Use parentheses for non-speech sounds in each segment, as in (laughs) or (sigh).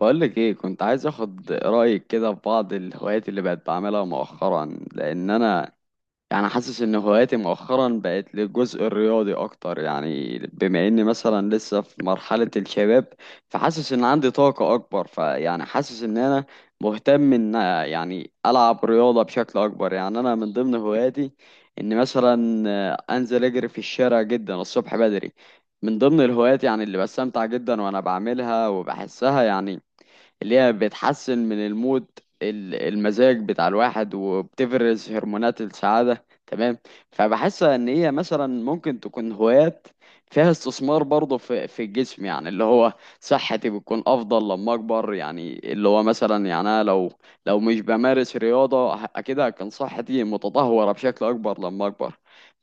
بقولك ايه، كنت عايز اخد رأيك كده في بعض الهوايات اللي بقت بعملها مؤخرا. لان انا يعني حاسس ان هواياتي مؤخرا بقت للجزء الرياضي اكتر، يعني بما اني مثلا لسه في مرحلة الشباب، فحاسس ان عندي طاقة اكبر، فيعني حاسس ان انا مهتم ان يعني العب رياضة بشكل اكبر. يعني انا من ضمن هواياتي ان مثلا انزل اجري في الشارع جدا الصبح بدري، من ضمن الهوايات يعني اللي بستمتع جدا وانا بعملها وبحسها، يعني اللي هي بتحسن من المود، المزاج بتاع الواحد وبتفرز هرمونات السعادة. تمام. فبحس ان هي مثلا ممكن تكون هوايات فيها استثمار برضه في الجسم، يعني اللي هو صحتي بتكون افضل لما اكبر. يعني اللي هو مثلا يعني انا لو مش بمارس رياضة اكيد هتكون صحتي متدهورة بشكل اكبر لما اكبر،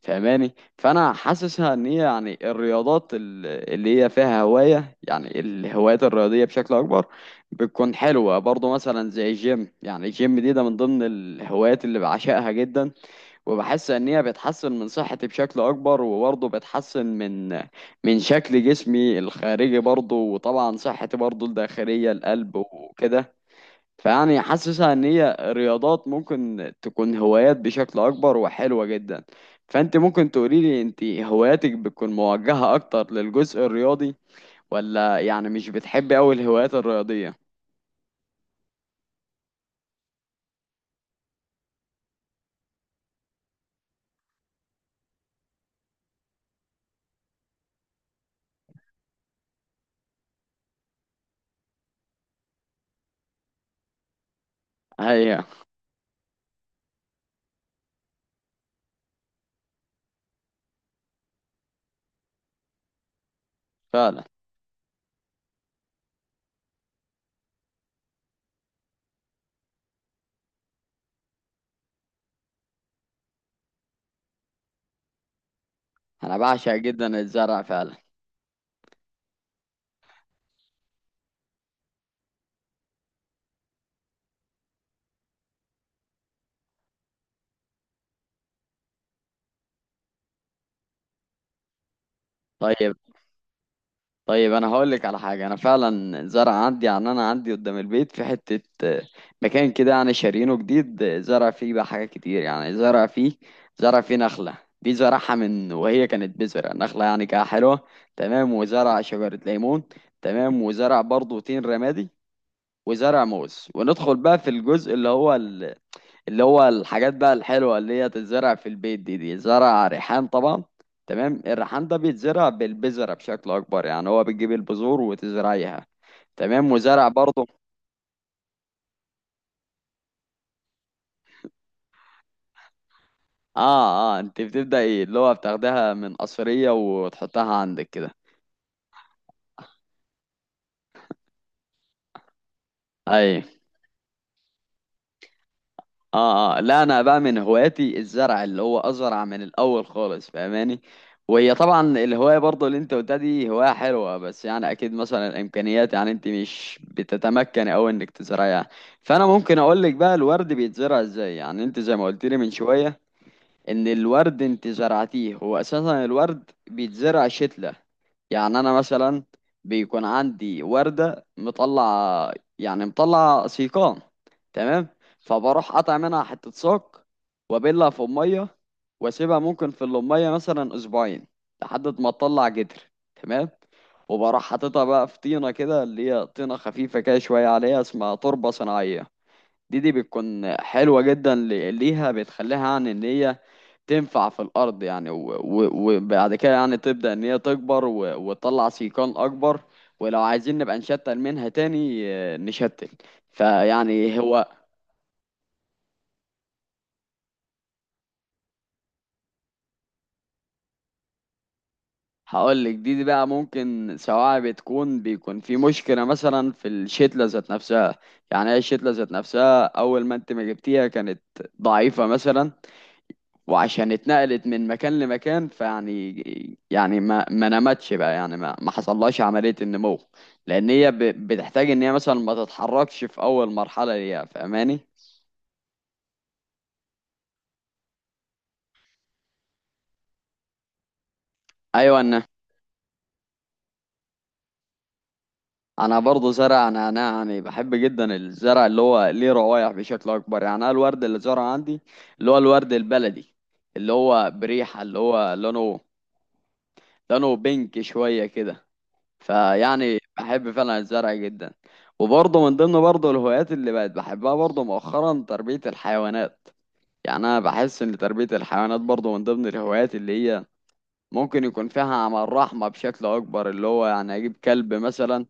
فاهماني؟ فانا حاسسها ان هي يعني الرياضات اللي هي فيها هواية، يعني الهوايات الرياضية بشكل اكبر بتكون حلوة برضه، مثلا زي الجيم. يعني الجيم دي ده من ضمن الهوايات اللي بعشقها جدا، وبحس ان هي بتحسن من صحتي بشكل اكبر، وبرضه بتحسن من شكل جسمي الخارجي برضه، وطبعا صحتي برضه الداخلية، القلب وكده. فيعني حاسسها ان هي رياضات ممكن تكون هوايات بشكل اكبر وحلوة جدا. فانت ممكن تقوليلي انت هواياتك بتكون موجهة اكتر للجزء الرياضي، ولا يعني مش بتحبي اوي الهوايات الرياضية؟ هي فعلا. انا بعشق جدا الزرع فعلا. طيب. طيب انا هقول لك على حاجه. انا فعلا زرع عندي، يعني انا عندي قدام البيت في حته مكان كده، يعني شارينه جديد. زرع فيه بقى حاجات كتير، يعني زرع فيه نخله، دي زرعها من وهي كانت بذره نخله، يعني كده حلوه. تمام. وزرع شجره ليمون. تمام. وزرع برضه تين رمادي، وزرع موز. وندخل بقى في الجزء اللي هو اللي هو الحاجات بقى الحلوة اللي هي تتزرع في البيت. دي زرع ريحان طبعا. تمام. الريحان ده بيتزرع بالبذرة بشكل أكبر، يعني هو بتجيب البذور وتزرعيها. تمام. وزرع برضه. اه اه، انت بتبدأ ايه اللي هو بتاخدها من قصرية وتحطها عندك كده؟ اي. اه اه، لا، انا بقى من هواياتي الزرع اللي هو ازرع من الاول خالص، فاهماني؟ وهي طبعا الهوايه برضه اللي انت قلتها دي هوايه حلوه، بس يعني اكيد مثلا الامكانيات، يعني انت مش بتتمكن او انك تزرعيها. فانا ممكن اقول لك بقى الورد بيتزرع ازاي. يعني انت زي ما قلت لي من شويه ان الورد انت زرعتيه، هو اساسا الورد بيتزرع شتلة. يعني انا مثلا بيكون عندي وردة مطلع، يعني مطلع سيقان. تمام. فبروح قطع منها حتة ساق، وابلها في المية، واسيبها ممكن في المية مثلا اسبوعين، لحد ما تطلع جدر. تمام. وبروح حاططها بقى في طينة كده، اللي هي طينة خفيفة كده شوية، عليها اسمها تربة صناعية. دي بتكون حلوة جدا ليها، بتخليها عن ان هي تنفع في الأرض يعني. وبعد كده يعني تبدأ إن هي تكبر، وتطلع سيقان أكبر. ولو عايزين نبقى نشتل منها تاني، نشتل. فيعني هو، هقول لك. دي بقى ممكن سواء بتكون بيكون في مشكلة مثلا في الشتلة ذات نفسها، يعني هي الشتلة ذات نفسها أول ما أنت ما جبتيها كانت ضعيفة مثلا، وعشان اتنقلت من مكان لمكان، فيعني يعني ما نمتش بقى، يعني ما حصلهاش عملية النمو، لأن هي بتحتاج إن هي مثلا ما تتحركش في أول مرحلة ليها، فاهماني؟ أيوة. أنا برضه زرع. أنا يعني بحب جدا الزرع اللي هو ليه روايح بشكل أكبر. يعني أنا الورد اللي زرعه عندي، اللي هو الورد البلدي، اللي هو بريحة، اللي هو لونه، لونه بينك شوية كده. فيعني بحب فعلا الزرع جدا. وبرضه من ضمن برضه الهوايات اللي بقت بحبها برضه مؤخرا تربية الحيوانات. يعني أنا بحس إن تربية الحيوانات برضه من ضمن الهوايات اللي هي ممكن يكون فيها عمل رحمة بشكل أكبر، اللي هو يعني أجيب كلب مثلا،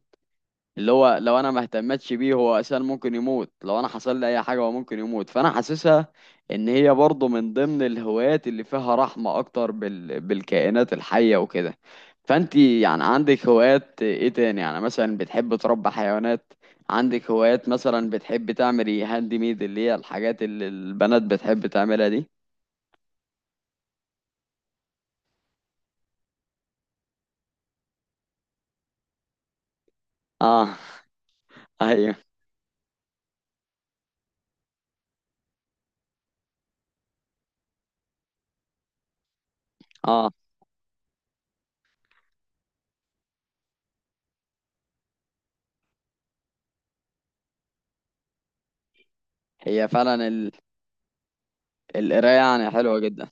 اللي هو لو انا ما اهتمتش بيه هو اساسا ممكن يموت، لو انا حصل لي اي حاجه هو ممكن يموت. فانا حاسسها ان هي برضه من ضمن الهوايات اللي فيها رحمه اكتر بالكائنات الحيه وكده. فانتي يعني عندك هوايات ايه تاني؟ يعني مثلا بتحب تربي حيوانات؟ عندك هوايات مثلا بتحب تعملي هاند ميد، اللي هي الحاجات اللي البنات بتحب تعملها دي؟ اه. ايوه. اه. هي فعلا القرايه يعني حلوه جدا.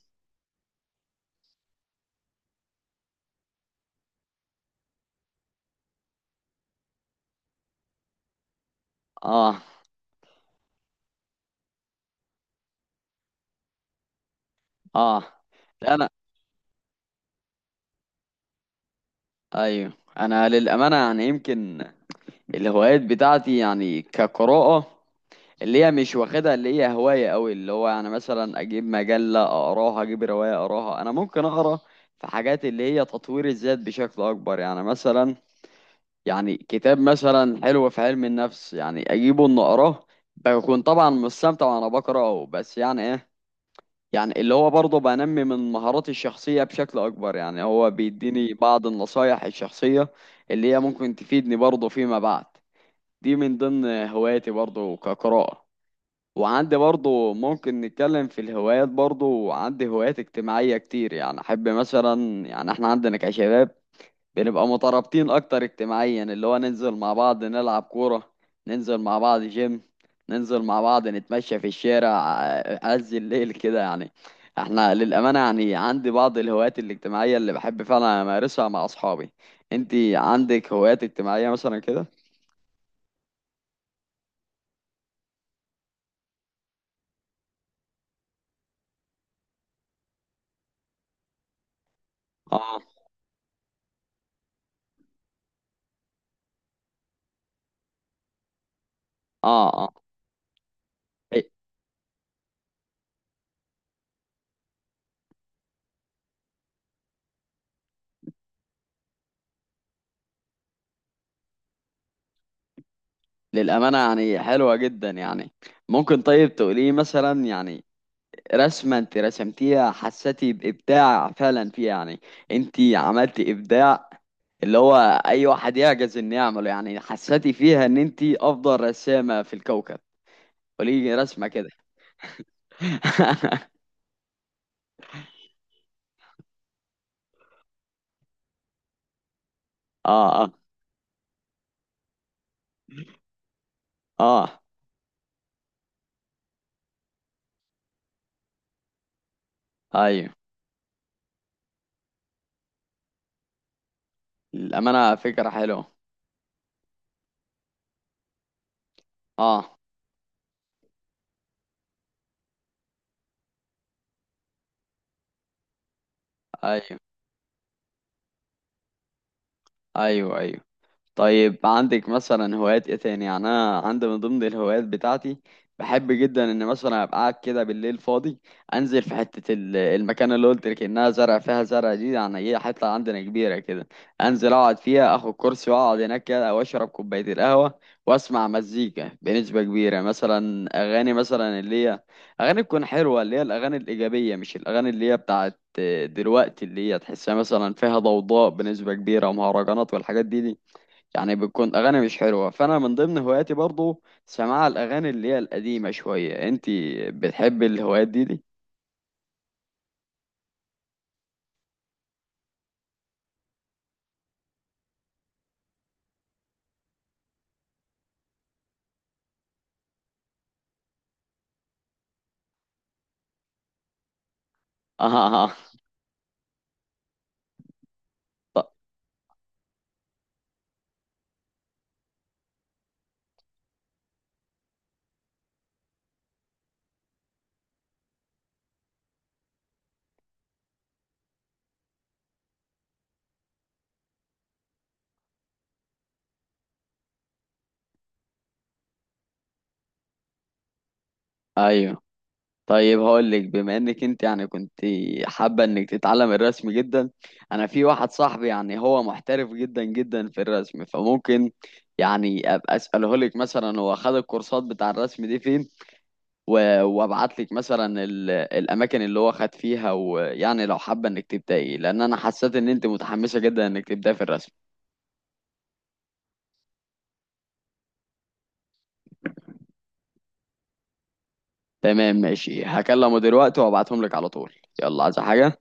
اه اه. لا، انا. ايوه. انا للامانه يعني يمكن الهوايات بتاعتي يعني كقراءه، اللي هي مش واخدها اللي هي هوايه قوي، اللي هو يعني مثلا اجيب مجله اقراها اجيب روايه اقراها. انا ممكن اقرا في حاجات اللي هي تطوير الذات بشكل اكبر، يعني مثلا يعني كتاب مثلا حلو في علم النفس يعني اجيبه ان اقراه. بكون طبعا مستمتع وانا بقراه، بس يعني ايه، يعني اللي هو برضه بنمي من مهاراتي الشخصية بشكل أكبر. يعني هو بيديني بعض النصايح الشخصية اللي هي ممكن تفيدني برضه فيما بعد. دي من ضمن هواياتي برضه كقراءة. وعندي برضه، ممكن نتكلم في الهوايات برضه، عندي هوايات اجتماعية كتير. يعني أحب مثلا، يعني احنا عندنا كشباب بنبقى مترابطين اكتر اجتماعيا، اللي هو ننزل مع بعض نلعب كورة، ننزل مع بعض جيم، ننزل مع بعض نتمشى في الشارع عز الليل كده، يعني احنا للأمانة يعني عندي بعض الهوايات الاجتماعية اللي بحب فعلا امارسها مع اصحابي. انتي عندك هوايات اجتماعية مثلا كده؟ اه اه اه. إيه، للأمانة يعني حلوة جدا. يعني ممكن طيب تقولي مثلا يعني رسمة انت رسمتيها حسيتي بإبداع فعلا فيها، يعني انت عملتي إبداع اللي هو أي واحد يعجز إنه يعمله؟ يعني حسيتي فيها إن انت أفضل رسامة في الكوكب؟ قولي لي رسمة كده. (laughs) اه اه اه. ايوه. الأمانة فكرة حلوة. اه. ايوه ايوه ايوه. طيب عندك مثلا هوايات ايه تاني؟ يعني انا عندي من ضمن الهوايات بتاعتي بحب جدا ان مثلا ابقى قاعد كده بالليل فاضي، انزل في حته المكان اللي قلت لك انها زرع فيها زرع دي، يعني هي حته عندنا كبيره كده، انزل اقعد فيها اخد كرسي واقعد هناك كده واشرب كوبايه القهوه واسمع مزيكا بنسبه كبيره، مثلا اغاني مثلا اللي هي اغاني تكون حلوه، اللي هي الاغاني الايجابيه، مش الاغاني اللي هي بتاعت دلوقتي اللي هي تحسها مثلا فيها ضوضاء بنسبه كبيره ومهرجانات والحاجات دي، يعني بتكون اغاني مش حلوه. فانا من ضمن هواياتي برضو سماع الاغاني اللي هي القديمه شويه. انتي بتحبي الهوايات دي دي؟ (laughs) اه. آه. ط- ايوه. طيب هقول لك، بما انك انت يعني كنت حابه انك تتعلم الرسم جدا، انا في واحد صاحبي يعني هو محترف جدا في الرسم، فممكن يعني ابقى اساله لك مثلا هو خد الكورسات بتاع الرسم دي فين، وابعت لك مثلا الاماكن اللي هو خد فيها. ويعني لو حابه انك تبداي، لان انا حسيت ان انت متحمسه جدا انك تبداي في الرسم. تمام. ماشي، هكلمه دلوقتي وابعتهم لك على طول. يلا، عايزه حاجه؟